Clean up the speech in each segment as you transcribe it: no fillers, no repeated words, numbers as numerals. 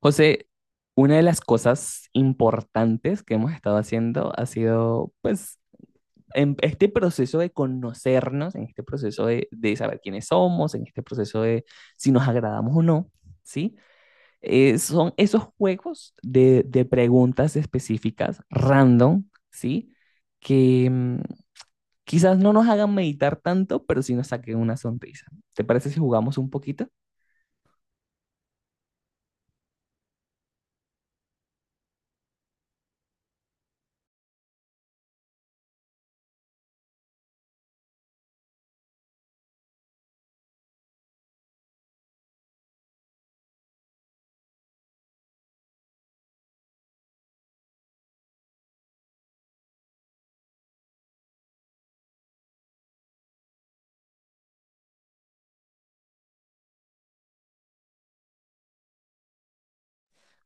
José, una de las cosas importantes que hemos estado haciendo ha sido, pues, en este proceso de conocernos, en este proceso de saber quiénes somos, en este proceso de si nos agradamos o no, ¿sí? Son esos juegos de preguntas específicas, random, ¿sí? Que quizás no nos hagan meditar tanto, pero sí nos saquen una sonrisa. ¿Te parece si jugamos un poquito?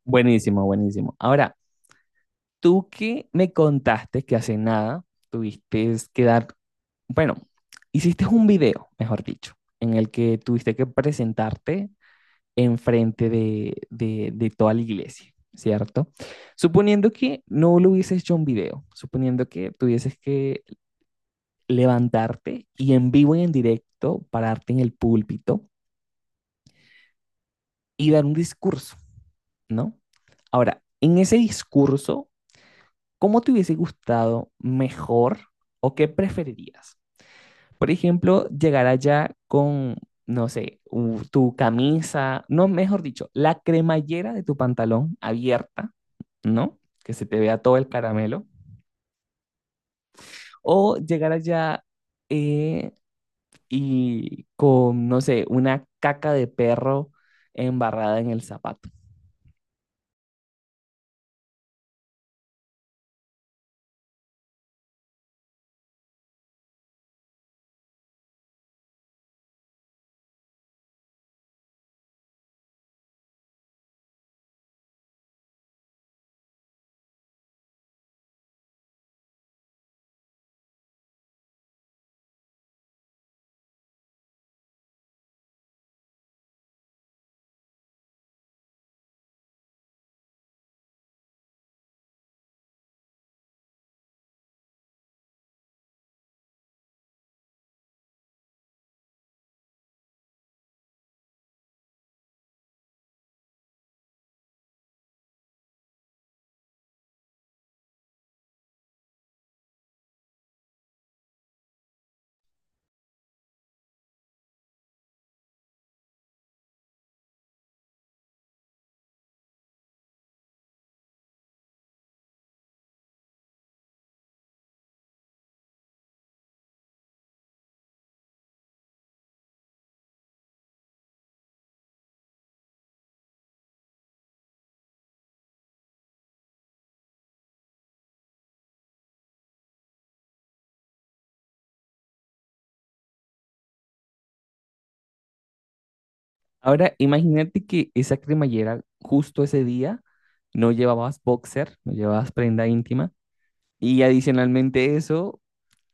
Buenísimo, buenísimo. Ahora, tú que me contaste que hace nada tuviste que dar, bueno, hiciste un video, mejor dicho, en el que tuviste que presentarte enfrente de toda la iglesia, ¿cierto? Suponiendo que no lo hubieses hecho un video, suponiendo que tuvieses que levantarte y en vivo y en directo pararte en el púlpito y dar un discurso, ¿no? Ahora, en ese discurso, ¿cómo te hubiese gustado mejor o qué preferirías? Por ejemplo, llegar allá con, no sé, tu camisa, no, mejor dicho, la cremallera de tu pantalón abierta, ¿no? Que se te vea todo el caramelo. O llegar allá eh, y con, no sé, una caca de perro embarrada en el zapato. Ahora, imagínate que esa cremallera justo ese día no llevabas boxer, no llevabas prenda íntima y adicionalmente eso,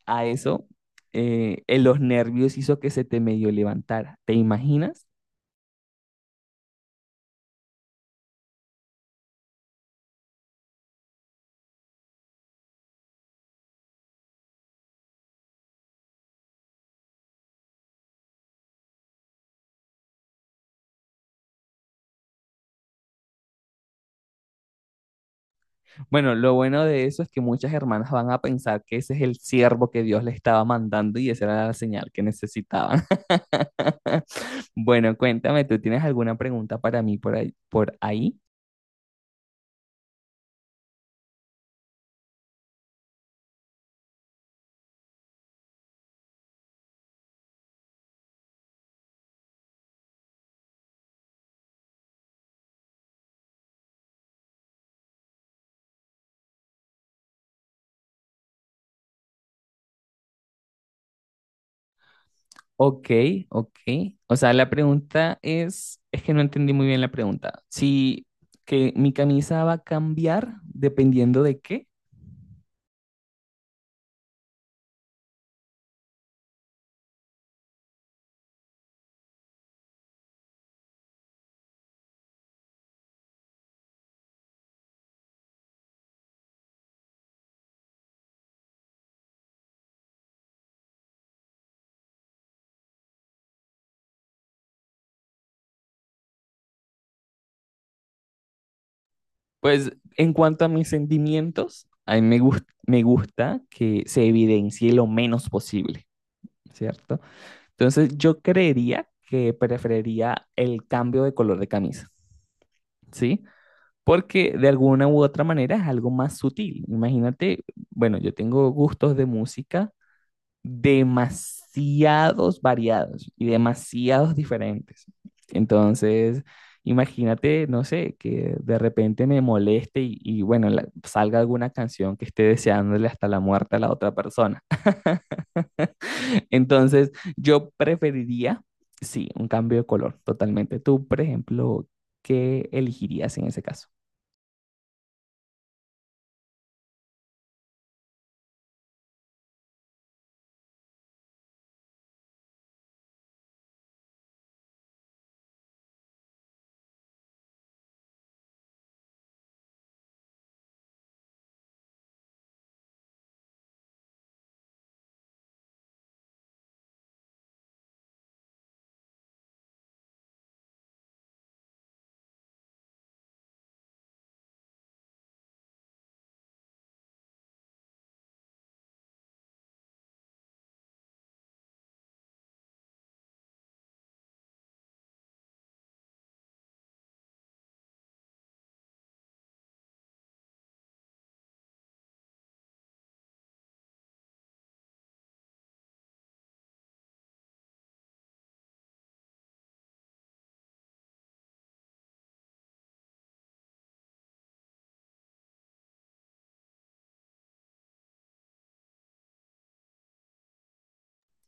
a eso, en los nervios hizo que se te medio levantara. ¿Te imaginas? Bueno, lo bueno de eso es que muchas hermanas van a pensar que ese es el siervo que Dios le estaba mandando y esa era la señal que necesitaban. Bueno, cuéntame, ¿tú tienes alguna pregunta para mí por ahí, por ahí? Ok, ok. O sea, la pregunta es que no entendí muy bien la pregunta. Si que mi camisa va a cambiar dependiendo de qué. Pues en cuanto a mis sentimientos, a mí me gusta que se evidencie lo menos posible, ¿cierto? Entonces yo creería que preferiría el cambio de color de camisa, ¿sí? Porque de alguna u otra manera es algo más sutil. Imagínate, bueno, yo tengo gustos de música demasiados variados y demasiados diferentes. Entonces, imagínate, no sé, que de repente me moleste y bueno, salga alguna canción que esté deseándole hasta la muerte a la otra persona. Entonces, yo preferiría, sí, un cambio de color, totalmente. Tú, por ejemplo, ¿qué elegirías en ese caso?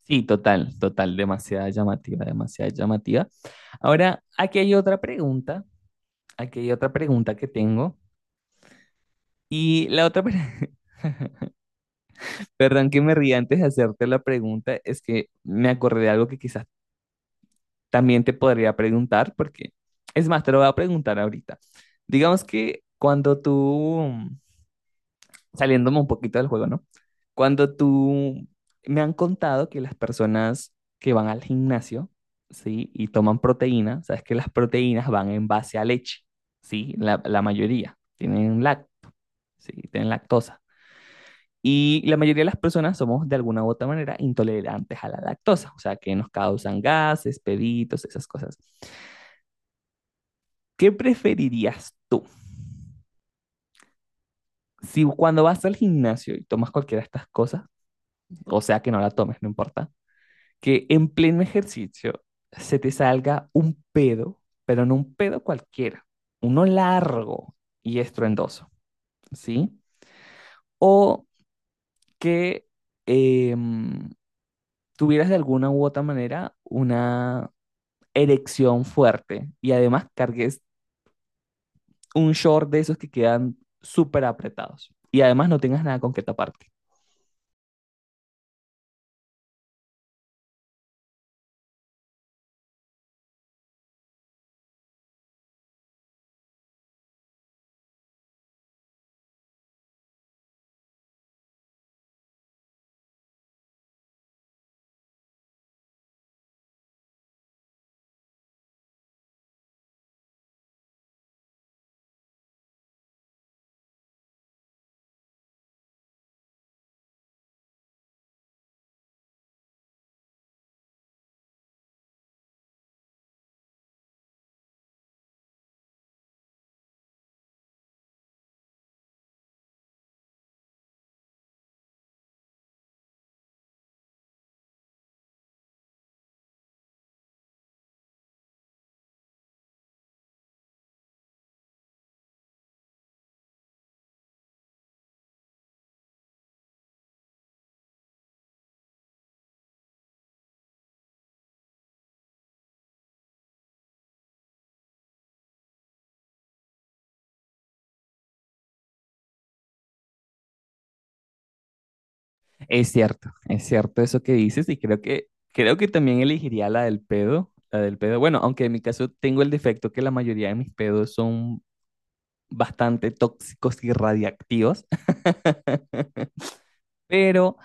Sí, total, total, demasiada llamativa, demasiada llamativa. Ahora, aquí hay otra pregunta, aquí hay otra pregunta que tengo. Y la otra, perdón que me ría antes de hacerte la pregunta, es que me acordé de algo que quizás también te podría preguntar, porque es más, te lo voy a preguntar ahorita. Digamos que cuando tú, saliéndome un poquito del juego, ¿no? Cuando tú, me han contado que las personas que van al gimnasio, ¿sí? Y toman proteína, sabes que las proteínas van en base a leche, ¿sí? La mayoría tienen lac, ¿sí? Tienen lactosa. Y la mayoría de las personas somos de alguna u otra manera intolerantes a la lactosa, o sea, que nos causan gases, peditos, esas cosas. ¿Qué preferirías tú? Si cuando vas al gimnasio y tomas cualquiera de estas cosas, o sea, que no la tomes, no importa, que en pleno ejercicio se te salga un pedo, pero no un pedo cualquiera, uno largo y estruendoso, ¿sí? O que eh, tuvieras de alguna u otra manera una erección fuerte y además cargues un short de esos que quedan súper apretados y además no tengas nada con que taparte. Es cierto eso que dices y creo que también elegiría la del pedo, la del pedo. Bueno, aunque en mi caso tengo el defecto que la mayoría de mis pedos son bastante tóxicos y radiactivos, pero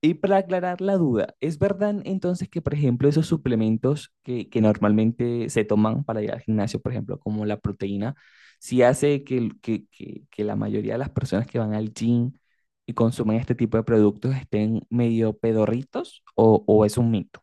y para aclarar la duda, ¿es verdad entonces que, por ejemplo, esos suplementos que normalmente se toman para ir al gimnasio, por ejemplo, como la proteína, sí hace que, que la mayoría de las personas que van al gym y consumen este tipo de productos estén medio pedorritos o es un mito?